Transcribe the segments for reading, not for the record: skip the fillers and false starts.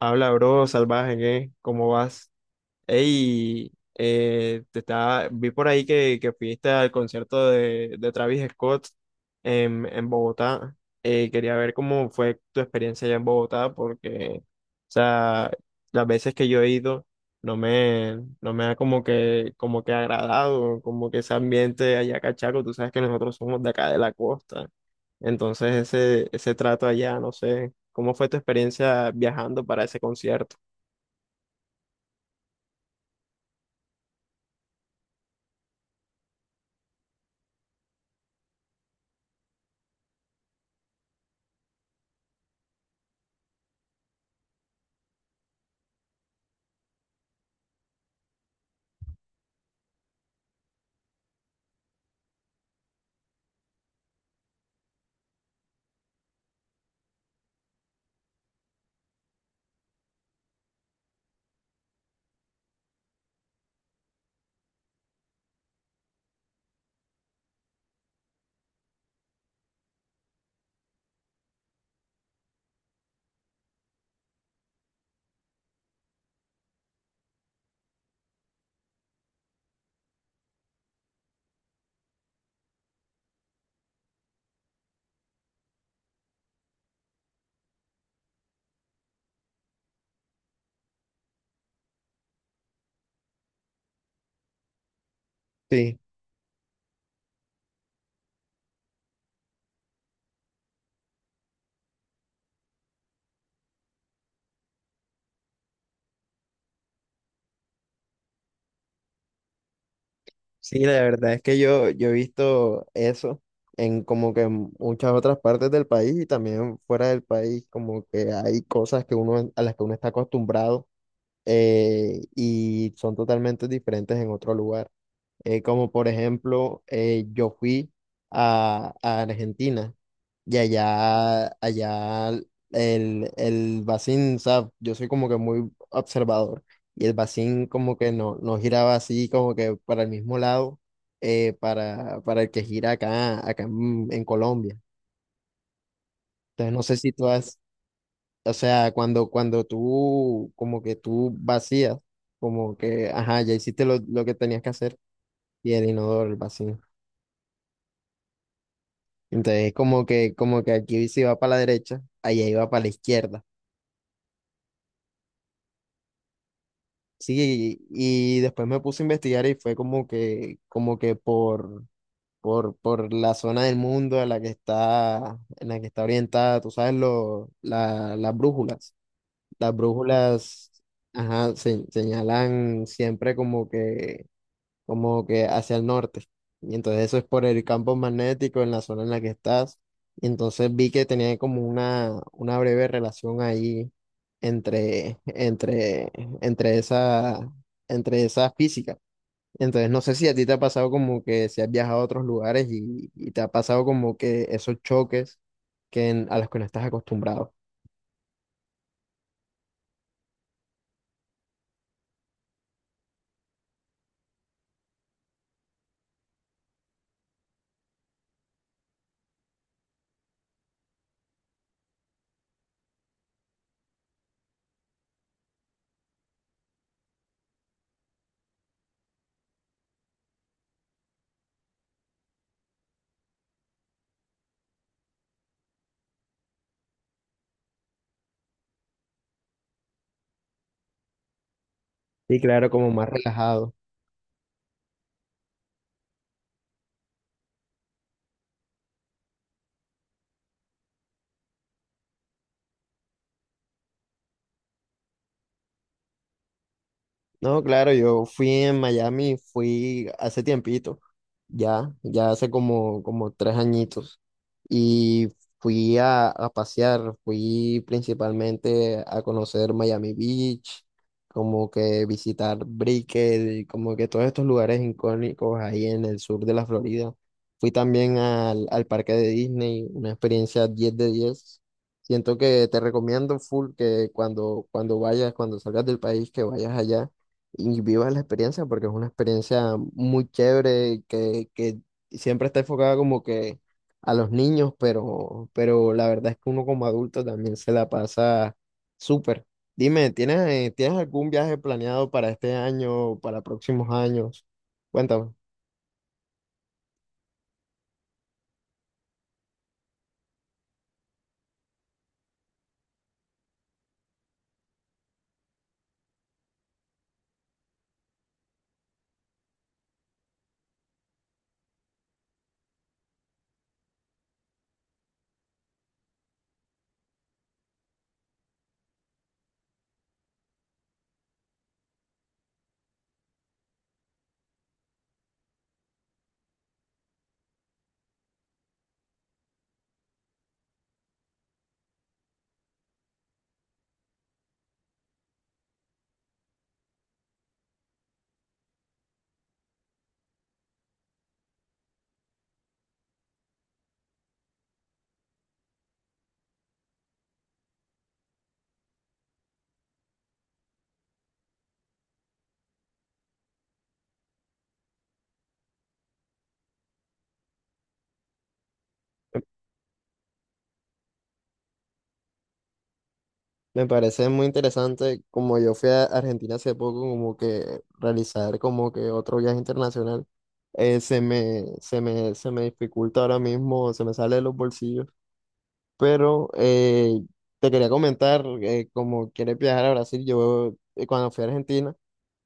Habla, bro, salvaje, ¿qué? ¿Cómo vas? Ey, te estaba, vi por ahí que fuiste al concierto de Travis Scott en Bogotá. Quería ver cómo fue tu experiencia allá en Bogotá, porque, o sea, las veces que yo he ido no me ha como que agradado, como que ese ambiente allá cachaco. Tú sabes que nosotros somos de acá de la costa. Entonces ese trato allá, no sé, ¿cómo fue tu experiencia viajando para ese concierto? Sí, sí, la verdad es que yo he visto eso en como que en muchas otras partes del país y también fuera del país, como que hay cosas que uno, a las que uno está acostumbrado y son totalmente diferentes en otro lugar. Como por ejemplo, yo fui a Argentina. Y allá el Bacín, o sea, yo soy como que muy observador. Y el Bacín como que no giraba así, como que para el mismo lado, para el que gira acá en Colombia. Entonces no sé si tú has, o sea, cuando tú, como que tú vacías, como que, ajá, ya hiciste lo que tenías que hacer, y el inodoro, el Bacín. Entonces como que aquí si va para la derecha, allá iba para la izquierda. Sí, y después me puse a investigar y fue como que por la zona del mundo a la que está, en la que está orientada, tú sabes, lo, la- las brújulas. Las brújulas, ajá, se- señalan siempre como que hacia el norte. Y entonces eso es por el campo magnético en la zona en la que estás. Y entonces vi que tenía como una breve relación ahí entre, entre, entre esa, entre esa física. Entonces no sé si a ti te ha pasado como que si has viajado a otros lugares y te ha pasado como que esos choques que en- a los que no estás acostumbrado. Sí, claro, como más relajado. No, claro, yo fui en Miami, fui hace tiempito. Ya hace como, como tres añitos. Y fui a pasear, fui principalmente a conocer Miami Beach, como que visitar Brickell, y como que todos estos lugares icónicos ahí en el sur de la Florida. Fui también al parque de Disney, una experiencia 10 de 10. Siento que te recomiendo full que cuando vayas, cuando salgas del país, que vayas allá y vivas la experiencia porque es una experiencia muy chévere que siempre está enfocada como que a los niños, pero la verdad es que uno como adulto también se la pasa súper. Dime, ¿tienes algún viaje planeado para este año para próximos años? Cuéntame. Me parece muy interesante, como yo fui a Argentina hace poco, como que realizar como que otro viaje internacional, se me dificulta ahora mismo, se me sale de los bolsillos. Pero te quería comentar, como quieres viajar a Brasil, yo cuando fui a Argentina,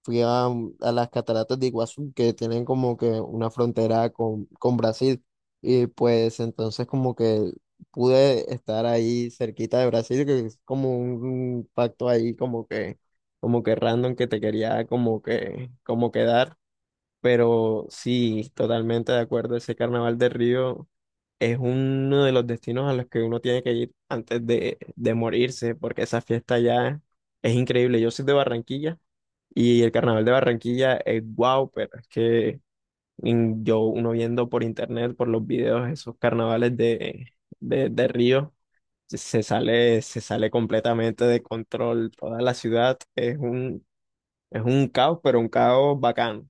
fui a, mm, a las cataratas de Iguazú, que tienen como que una frontera con Brasil. Y pues entonces como que pude estar ahí cerquita de Brasil, que es como un pacto ahí como que random que te quería como que, como quedar. Pero sí, totalmente de acuerdo. Ese Carnaval de Río es uno de los destinos a los que uno tiene que ir antes de morirse, porque esa fiesta ya es increíble. Yo soy de Barranquilla y el Carnaval de Barranquilla es guau, pero es que mm, yo, uno viendo por internet, por los videos, esos carnavales de Río, se sale completamente de control. Toda la ciudad es es un caos, pero un caos bacano.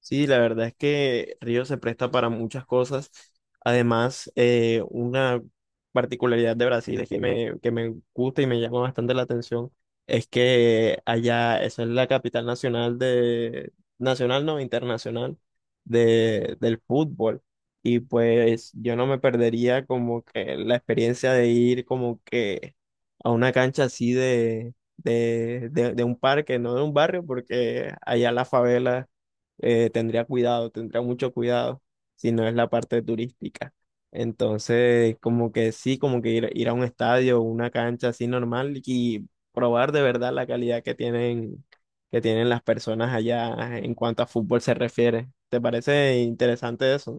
Sí, la verdad es que Río se presta para muchas cosas. Además, una particularidad de Brasil es que me gusta y me llama bastante la atención es que allá, esa es la capital nacional de, nacional no, internacional del fútbol. Y pues yo no me perdería como que la experiencia de ir como que a una cancha así de un parque, no de un barrio, porque allá la favela tendría mucho cuidado si no es la parte turística. Entonces, como que sí, como que ir a un estadio, una cancha así normal y probar de verdad la calidad que tienen las personas allá en cuanto a fútbol se refiere. ¿Te parece interesante eso?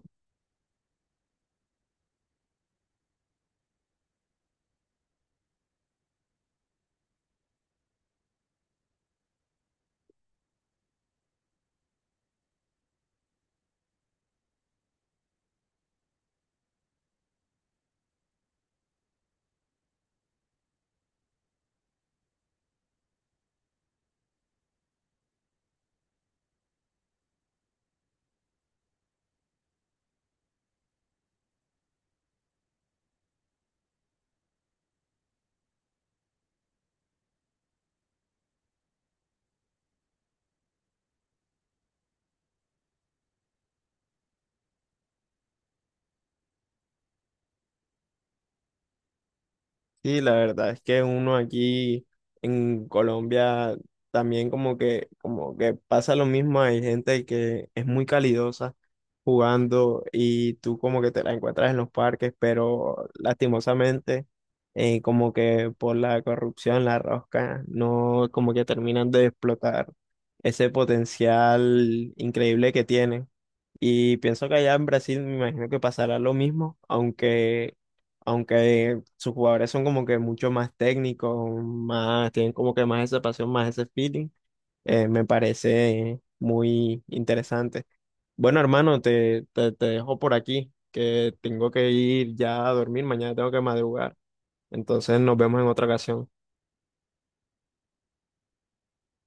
Sí, la verdad es que uno aquí en Colombia también como que pasa lo mismo, hay gente que es muy calidosa jugando y tú como que te la encuentras en los parques, pero lastimosamente como que por la corrupción, la rosca, no como que terminan de explotar ese potencial increíble que tienen. Y pienso que allá en Brasil me imagino que pasará lo mismo, aunque sus jugadores son como que mucho más técnicos, más, tienen como que más esa pasión, más ese feeling, me parece muy interesante. Bueno, hermano, te dejo por aquí, que tengo que ir ya a dormir, mañana tengo que madrugar, entonces nos vemos en otra ocasión.